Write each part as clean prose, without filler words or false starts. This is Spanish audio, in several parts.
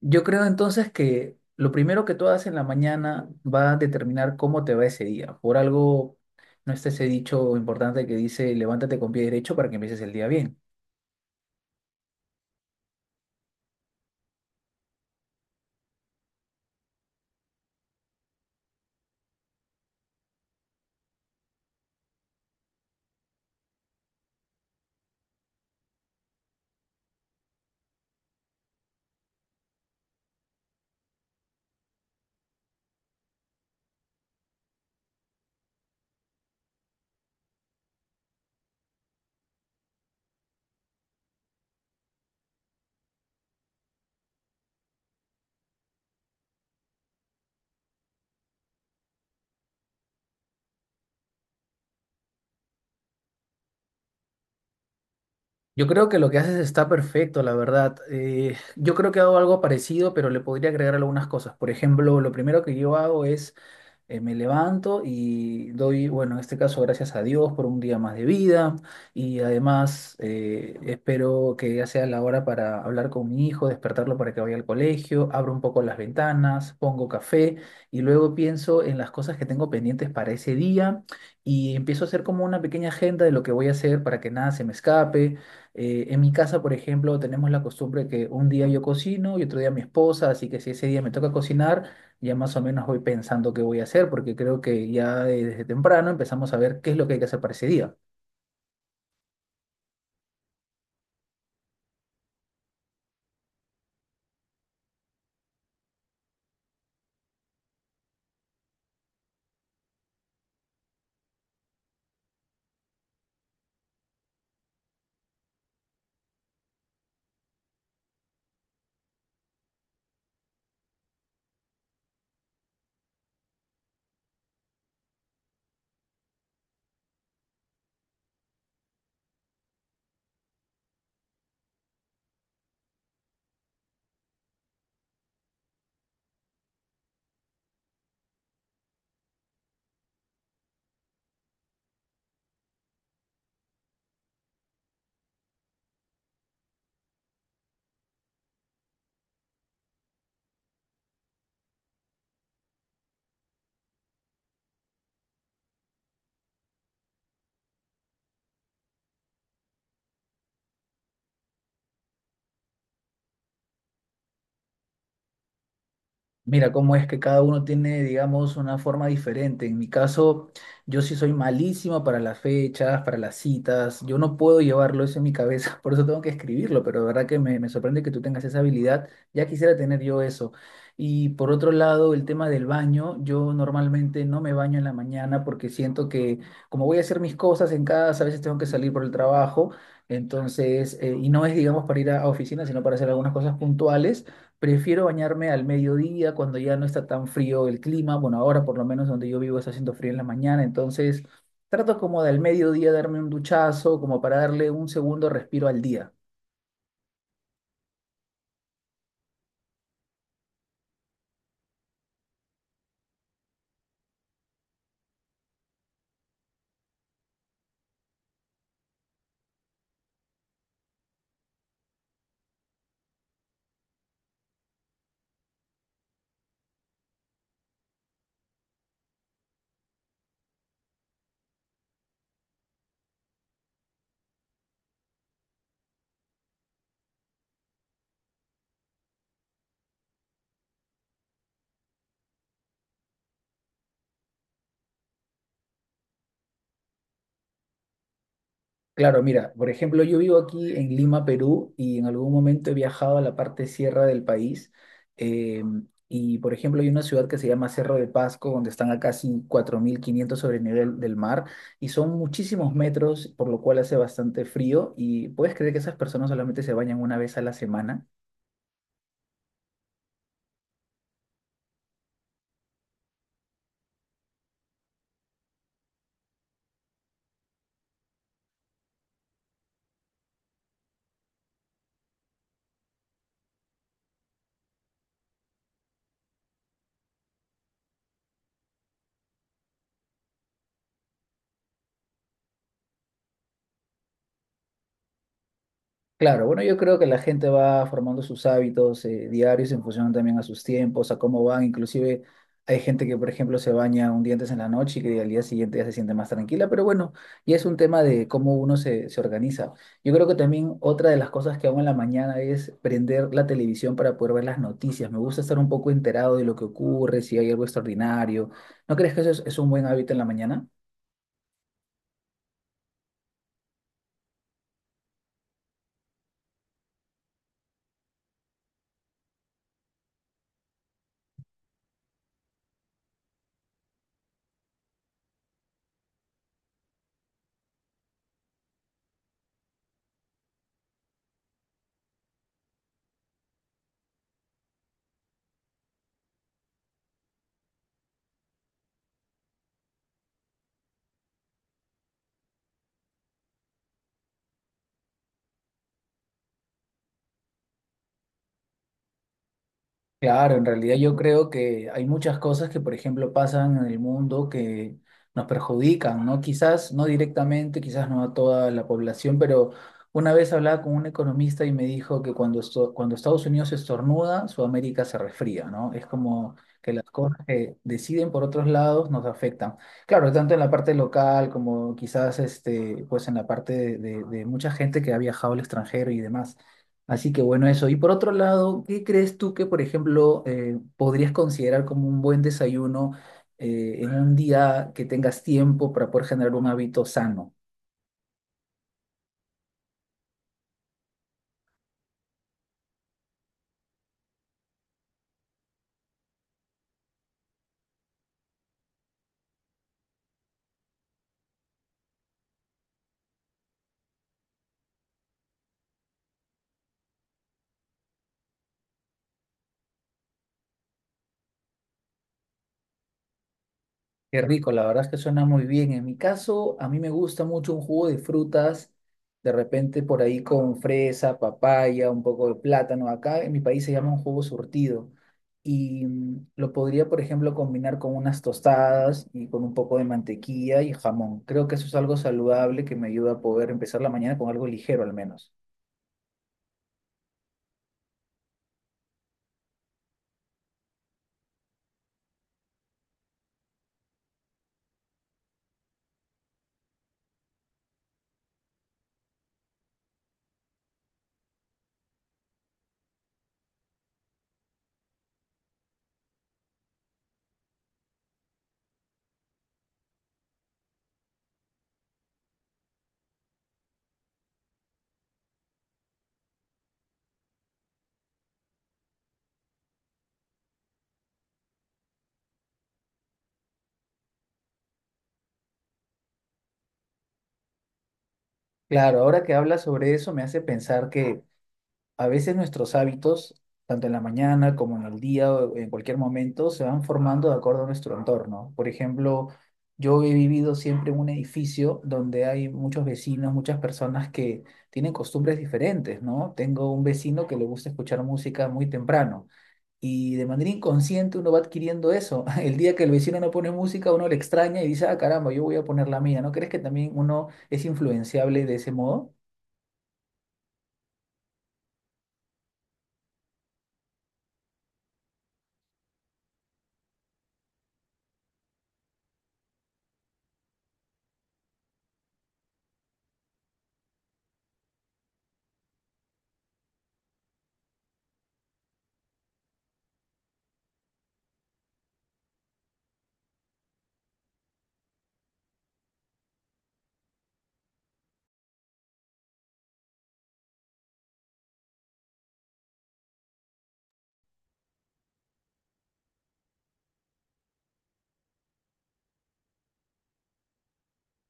Yo creo entonces que lo primero que tú hagas en la mañana va a determinar cómo te va ese día. Por algo no está ese dicho importante que dice levántate con pie derecho para que empieces el día bien. Yo creo que lo que haces está perfecto, la verdad. Yo creo que hago algo parecido, pero le podría agregar algunas cosas. Por ejemplo, lo primero que yo hago es me levanto y doy, bueno, en este caso, gracias a Dios por un día más de vida y además espero que ya sea la hora para hablar con mi hijo, despertarlo para que vaya al colegio, abro un poco las ventanas, pongo café y luego pienso en las cosas que tengo pendientes para ese día y empiezo a hacer como una pequeña agenda de lo que voy a hacer para que nada se me escape. En mi casa, por ejemplo, tenemos la costumbre que un día yo cocino y otro día mi esposa, así que si ese día me toca cocinar, ya más o menos voy pensando qué voy a hacer, porque creo que ya desde temprano empezamos a ver qué es lo que hay que hacer para ese día. Mira cómo es que cada uno tiene, digamos, una forma diferente. En mi caso, yo sí soy malísimo para las fechas, para las citas. Yo no puedo llevarlo eso en mi cabeza, por eso tengo que escribirlo, pero de verdad que me sorprende que tú tengas esa habilidad. Ya quisiera tener yo eso. Y por otro lado, el tema del baño. Yo normalmente no me baño en la mañana porque siento que como voy a hacer mis cosas en casa, a veces tengo que salir por el trabajo. Entonces, y no es, digamos, para ir a oficina, sino para hacer algunas cosas puntuales. Prefiero bañarme al mediodía cuando ya no está tan frío el clima. Bueno, ahora por lo menos donde yo vivo está haciendo frío en la mañana, entonces trato como de al mediodía darme un duchazo, como para darle un segundo respiro al día. Claro, mira, por ejemplo, yo vivo aquí en Lima, Perú, y en algún momento he viajado a la parte sierra del país. eh, y, por ejemplo, hay una ciudad que se llama Cerro de Pasco, donde están a casi 4.500 sobre el nivel del mar, y son muchísimos metros, por lo cual hace bastante frío, y puedes creer que esas personas solamente se bañan una vez a la semana. Claro, bueno, yo creo que la gente va formando sus hábitos diarios en función también a sus tiempos, a cómo van. Inclusive hay gente que, por ejemplo, se baña un día antes en la noche y que al día siguiente ya se siente más tranquila, pero bueno, ya es un tema de cómo uno se organiza. Yo creo que también otra de las cosas que hago en la mañana es prender la televisión para poder ver las noticias. Me gusta estar un poco enterado de lo que ocurre, si hay algo extraordinario. ¿No crees que eso es un buen hábito en la mañana? Claro, en realidad yo creo que hay muchas cosas que, por ejemplo, pasan en el mundo que nos perjudican, ¿no? Quizás no directamente, quizás no a toda la población, pero una vez hablaba con un economista y me dijo que cuando, cuando Estados Unidos estornuda, Sudamérica se resfría, ¿no? Es como que las cosas que deciden por otros lados nos afectan. Claro, tanto en la parte local como quizás este, pues en la parte de, de mucha gente que ha viajado al extranjero y demás. Así que bueno, eso. Y por otro lado, ¿qué crees tú que, por ejemplo, podrías considerar como un buen desayuno en un día que tengas tiempo para poder generar un hábito sano? Qué rico, la verdad es que suena muy bien. En mi caso, a mí me gusta mucho un jugo de frutas, de repente por ahí con fresa, papaya, un poco de plátano. Acá en mi país se llama un jugo surtido y lo podría, por ejemplo, combinar con unas tostadas y con un poco de mantequilla y jamón. Creo que eso es algo saludable que me ayuda a poder empezar la mañana con algo ligero al menos. Claro, ahora que hablas sobre eso me hace pensar que a veces nuestros hábitos, tanto en la mañana como en el día o en cualquier momento, se van formando de acuerdo a nuestro entorno. Por ejemplo, yo he vivido siempre en un edificio donde hay muchos vecinos, muchas personas que tienen costumbres diferentes, ¿no? Tengo un vecino que le gusta escuchar música muy temprano y de manera inconsciente uno va adquiriendo eso. El día que el vecino no pone música, uno le extraña y dice, ah, caramba, yo voy a poner la mía. ¿No crees que también uno es influenciable de ese modo?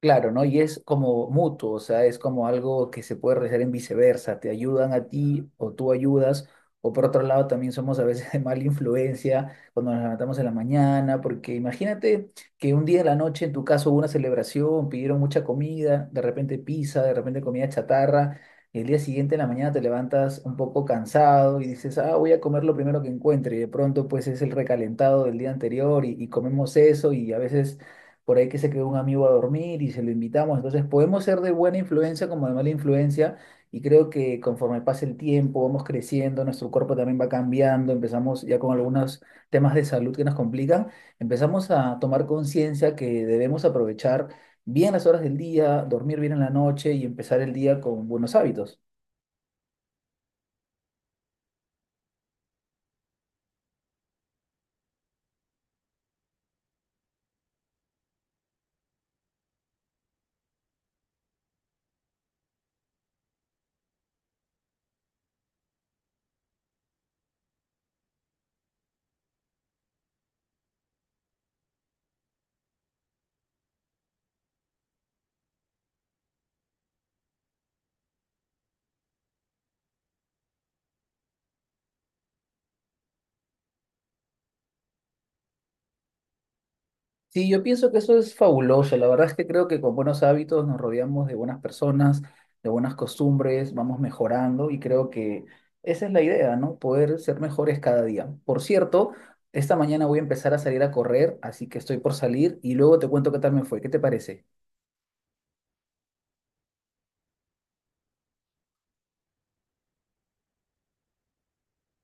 Claro, ¿no? Y es como mutuo, o sea, es como algo que se puede realizar en viceversa, te ayudan a ti o tú ayudas, o por otro lado también somos a veces de mala influencia cuando nos levantamos en la mañana, porque imagínate que un día en la noche en tu caso hubo una celebración, pidieron mucha comida, de repente pizza, de repente comida chatarra, y el día siguiente en la mañana te levantas un poco cansado y dices, ah, voy a comer lo primero que encuentre, y de pronto pues es el recalentado del día anterior y comemos eso y a veces por ahí que se quedó un amigo a dormir y se lo invitamos. Entonces podemos ser de buena influencia como de mala influencia y creo que conforme pase el tiempo, vamos creciendo, nuestro cuerpo también va cambiando, empezamos ya con algunos temas de salud que nos complican, empezamos a tomar conciencia que debemos aprovechar bien las horas del día, dormir bien en la noche y empezar el día con buenos hábitos. Sí, yo pienso que eso es fabuloso. La verdad es que creo que con buenos hábitos nos rodeamos de buenas personas, de buenas costumbres, vamos mejorando y creo que esa es la idea, ¿no? Poder ser mejores cada día. Por cierto, esta mañana voy a empezar a salir a correr, así que estoy por salir y luego te cuento qué tal me fue. ¿Qué te parece?